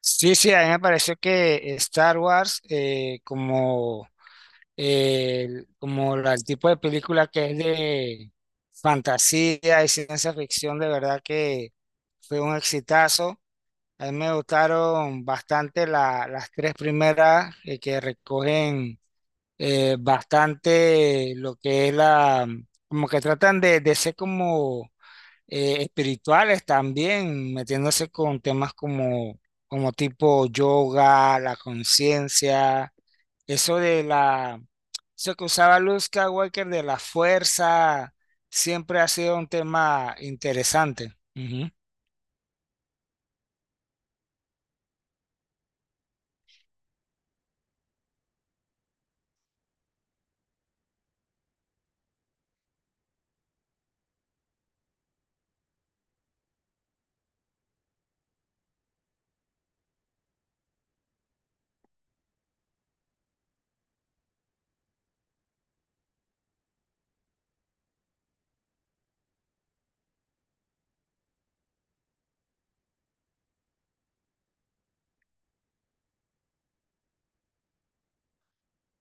Sí, sí, a mí me pareció que Star Wars, como, el tipo de película que es de fantasía y ciencia ficción, de verdad que fue un exitazo. A mí me gustaron bastante las tres primeras que recogen bastante lo que es como que tratan de ser como espirituales también, metiéndose con temas como, como tipo yoga, la conciencia, eso de la, eso que usaba Luke Skywalker de la fuerza, siempre ha sido un tema interesante. Ujú.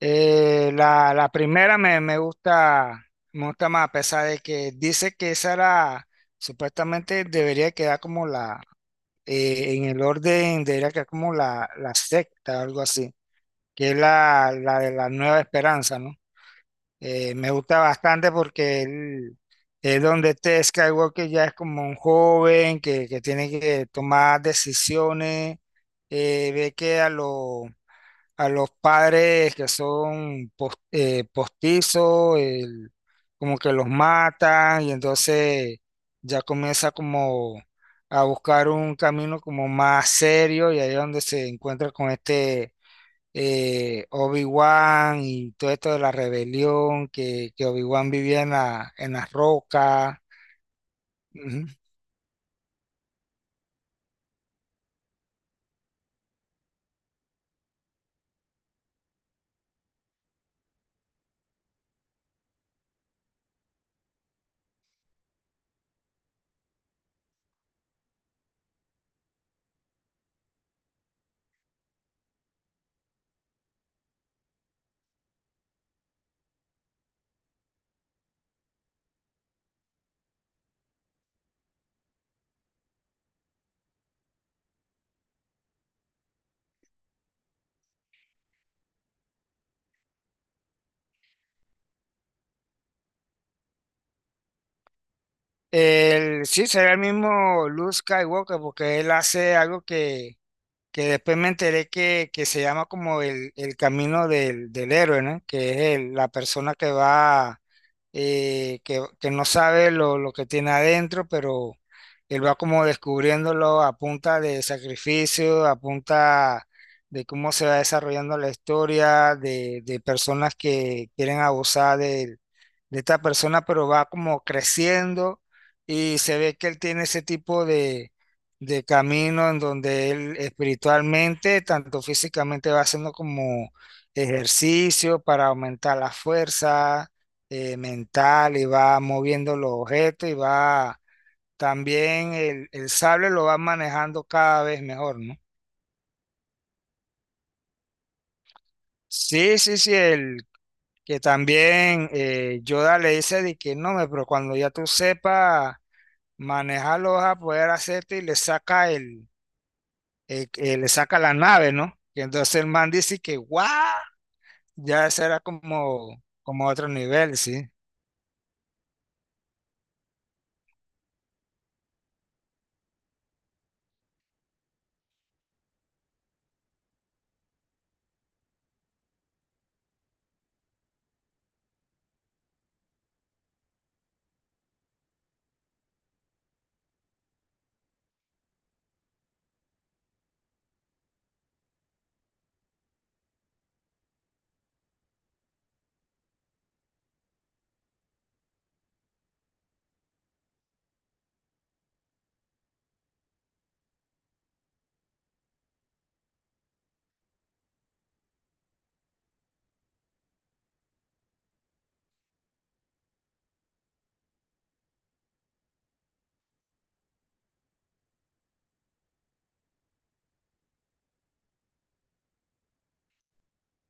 La primera me gusta más, a pesar de que dice que esa era, supuestamente debería quedar como la, en el orden, debería quedar como la secta, algo así que es la de la Nueva Esperanza, ¿no? Me gusta bastante porque él, es donde este Skywalker ya es como un joven que tiene que tomar decisiones, ve que a, a los padres que son postizos, como que los matan y entonces ya comienza como a buscar un camino como más serio y ahí es donde se encuentra con este Obi-Wan y todo esto de la rebelión, que Obi-Wan vivía en en las rocas. Ujú. El, sí, sería el mismo Luke Skywalker, porque él hace algo que después me enteré que se llama como el camino del héroe, ¿no? Que es la persona que va, que no sabe lo que tiene adentro, pero él va como descubriéndolo a punta de sacrificio, a punta de cómo se va desarrollando la historia, de personas que quieren abusar de esta persona, pero va como creciendo y se ve que él tiene ese tipo de camino en donde él espiritualmente, tanto físicamente, va haciendo como ejercicio para aumentar la fuerza mental y va moviendo los objetos y va también el sable lo va manejando cada vez mejor, ¿no? Sí, sí, sí, el que también Yoda le dice de que no, me, pero cuando ya tú sepas manejarlo vas a poder hacerte y le saca el le saca la nave, ¿no? Y entonces el man dice que, ¡guau! Ya ese era como, como otro nivel, ¿sí?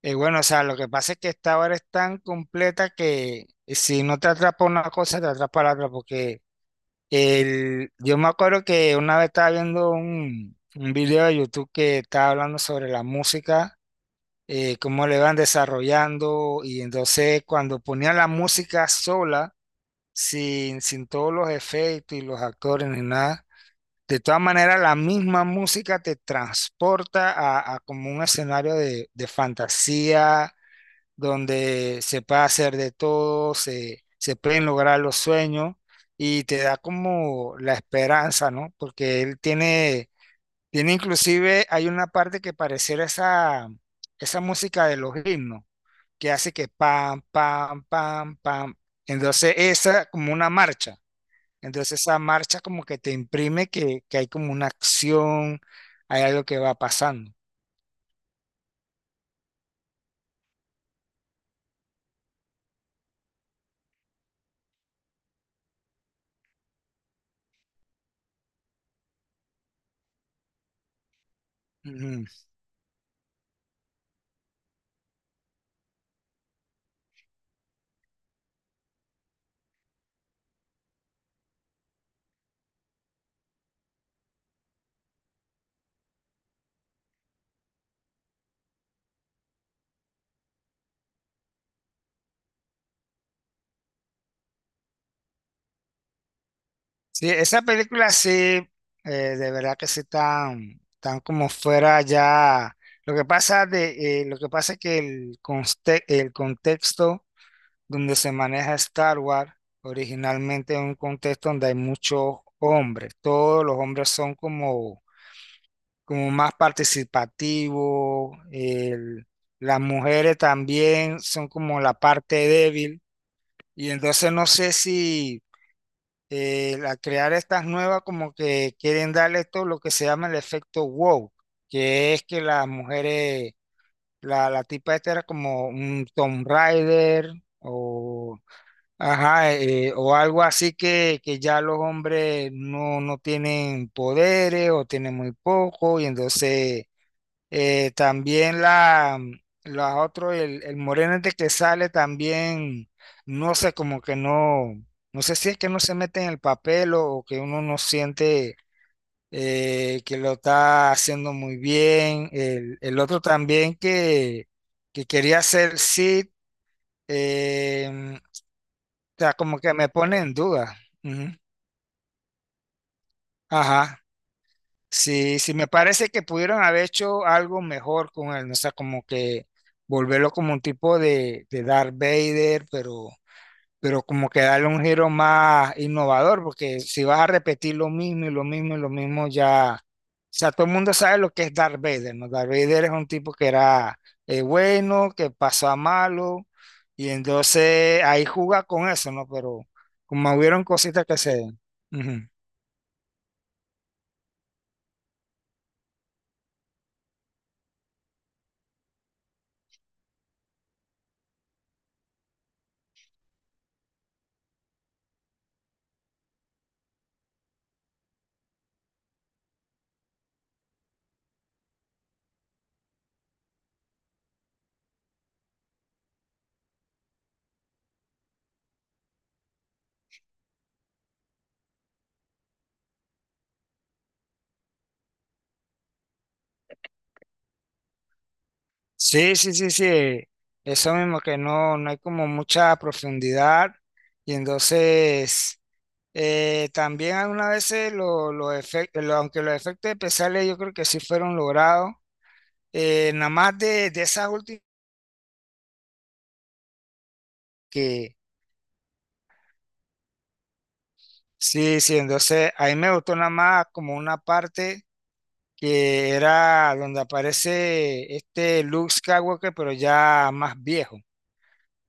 Y bueno, o sea, lo que pasa es que esta hora es tan completa que si no te atrapa una cosa, te atrapa la otra, porque el, yo me acuerdo que una vez estaba viendo un video de YouTube que estaba hablando sobre la música, cómo le van desarrollando, y entonces cuando ponían la música sola, sin todos los efectos y los actores ni nada, de todas maneras, la misma música te transporta a como un escenario de fantasía, donde se puede hacer de todo, se pueden lograr los sueños y te da como la esperanza, ¿no? Porque él tiene, tiene inclusive, hay una parte que pareciera esa, esa música de los himnos, que hace que pam, pam, pam, pam. Entonces, esa como una marcha. Entonces esa marcha como que te imprime que hay como una acción, hay algo que va pasando. Ujú. Sí, esa película sí, eh, de verdad que sí tan, tan como fuera ya. Lo que pasa de, lo que pasa es que el, el contexto donde se maneja Star Wars originalmente es un contexto donde hay muchos hombres. Todos los hombres son como como más participativo, las mujeres también son como la parte débil y entonces no sé si al crear estas nuevas como que quieren darle esto lo que se llama el efecto wow, que es que las mujeres, la tipa esta era como un Tomb Raider o, ajá, o algo así que ya los hombres no, no tienen poderes o tienen muy poco y entonces también la otro, el moreno este que sale también, no sé, como que no, no sé si es que no se mete en el papel o que uno no siente que lo está haciendo muy bien. El otro también que quería hacer Sid, o sea, como que me pone en duda. Ujú. Ajá. Sí, sí, me parece que pudieron haber hecho algo mejor con él, ¿no? O sea, como que volverlo como un tipo de Darth Vader, pero como que darle un giro más innovador, porque si vas a repetir lo mismo y lo mismo y lo mismo, ya, o sea, todo el mundo sabe lo que es Darth Vader, ¿no? Darth Vader es un tipo que era bueno, que pasó a malo, y entonces ahí juega con eso, ¿no? Pero como hubieron cositas que se... Ujú. Sí, sí, sí, sí. Eso mismo, que no, no hay como mucha profundidad. Y entonces, también algunas veces los efectos, aunque los efectos especiales yo creo que sí fueron logrados, nada más de esa última que sí, sí, entonces a mí me gustó nada más como una parte que era donde aparece este Luke Skywalker, pero ya más viejo.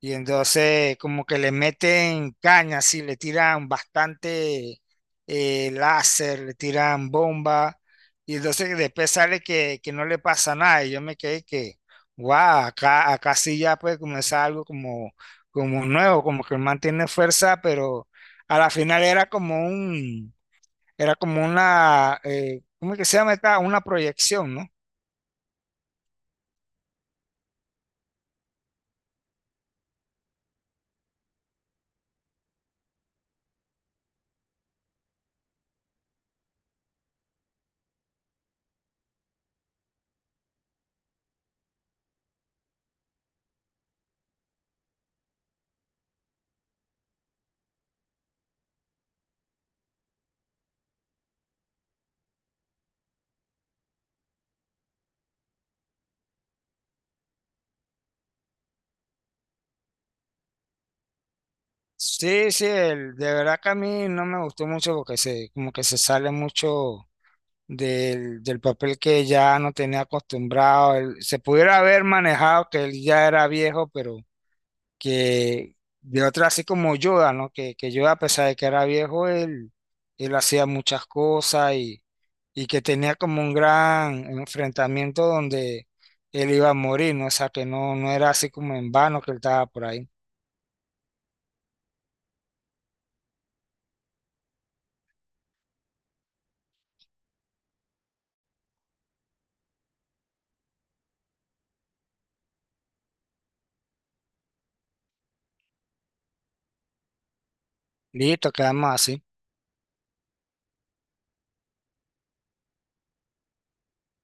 Y entonces como que le meten cañas y le tiran bastante láser, le tiran bomba. Y entonces después sale que no le pasa nada. Y yo me quedé que, wow, acá, acá sí ya puede comenzar algo como, como nuevo, como que mantiene fuerza, pero a la final era como un, era como una, ¿cómo es que se llama esta? Una proyección, ¿no? Sí, sí, de verdad que a mí no me gustó mucho porque se, como que se sale mucho del papel que ya no tenía acostumbrado. Se pudiera haber manejado que él ya era viejo, pero que de otra, así como Yoda, ¿no? Que Yoda, a pesar de que era viejo, él hacía muchas cosas y que tenía como un gran enfrentamiento donde él iba a morir, ¿no? O sea, que no, no era así como en vano que él estaba por ahí. Listo, quedamos así.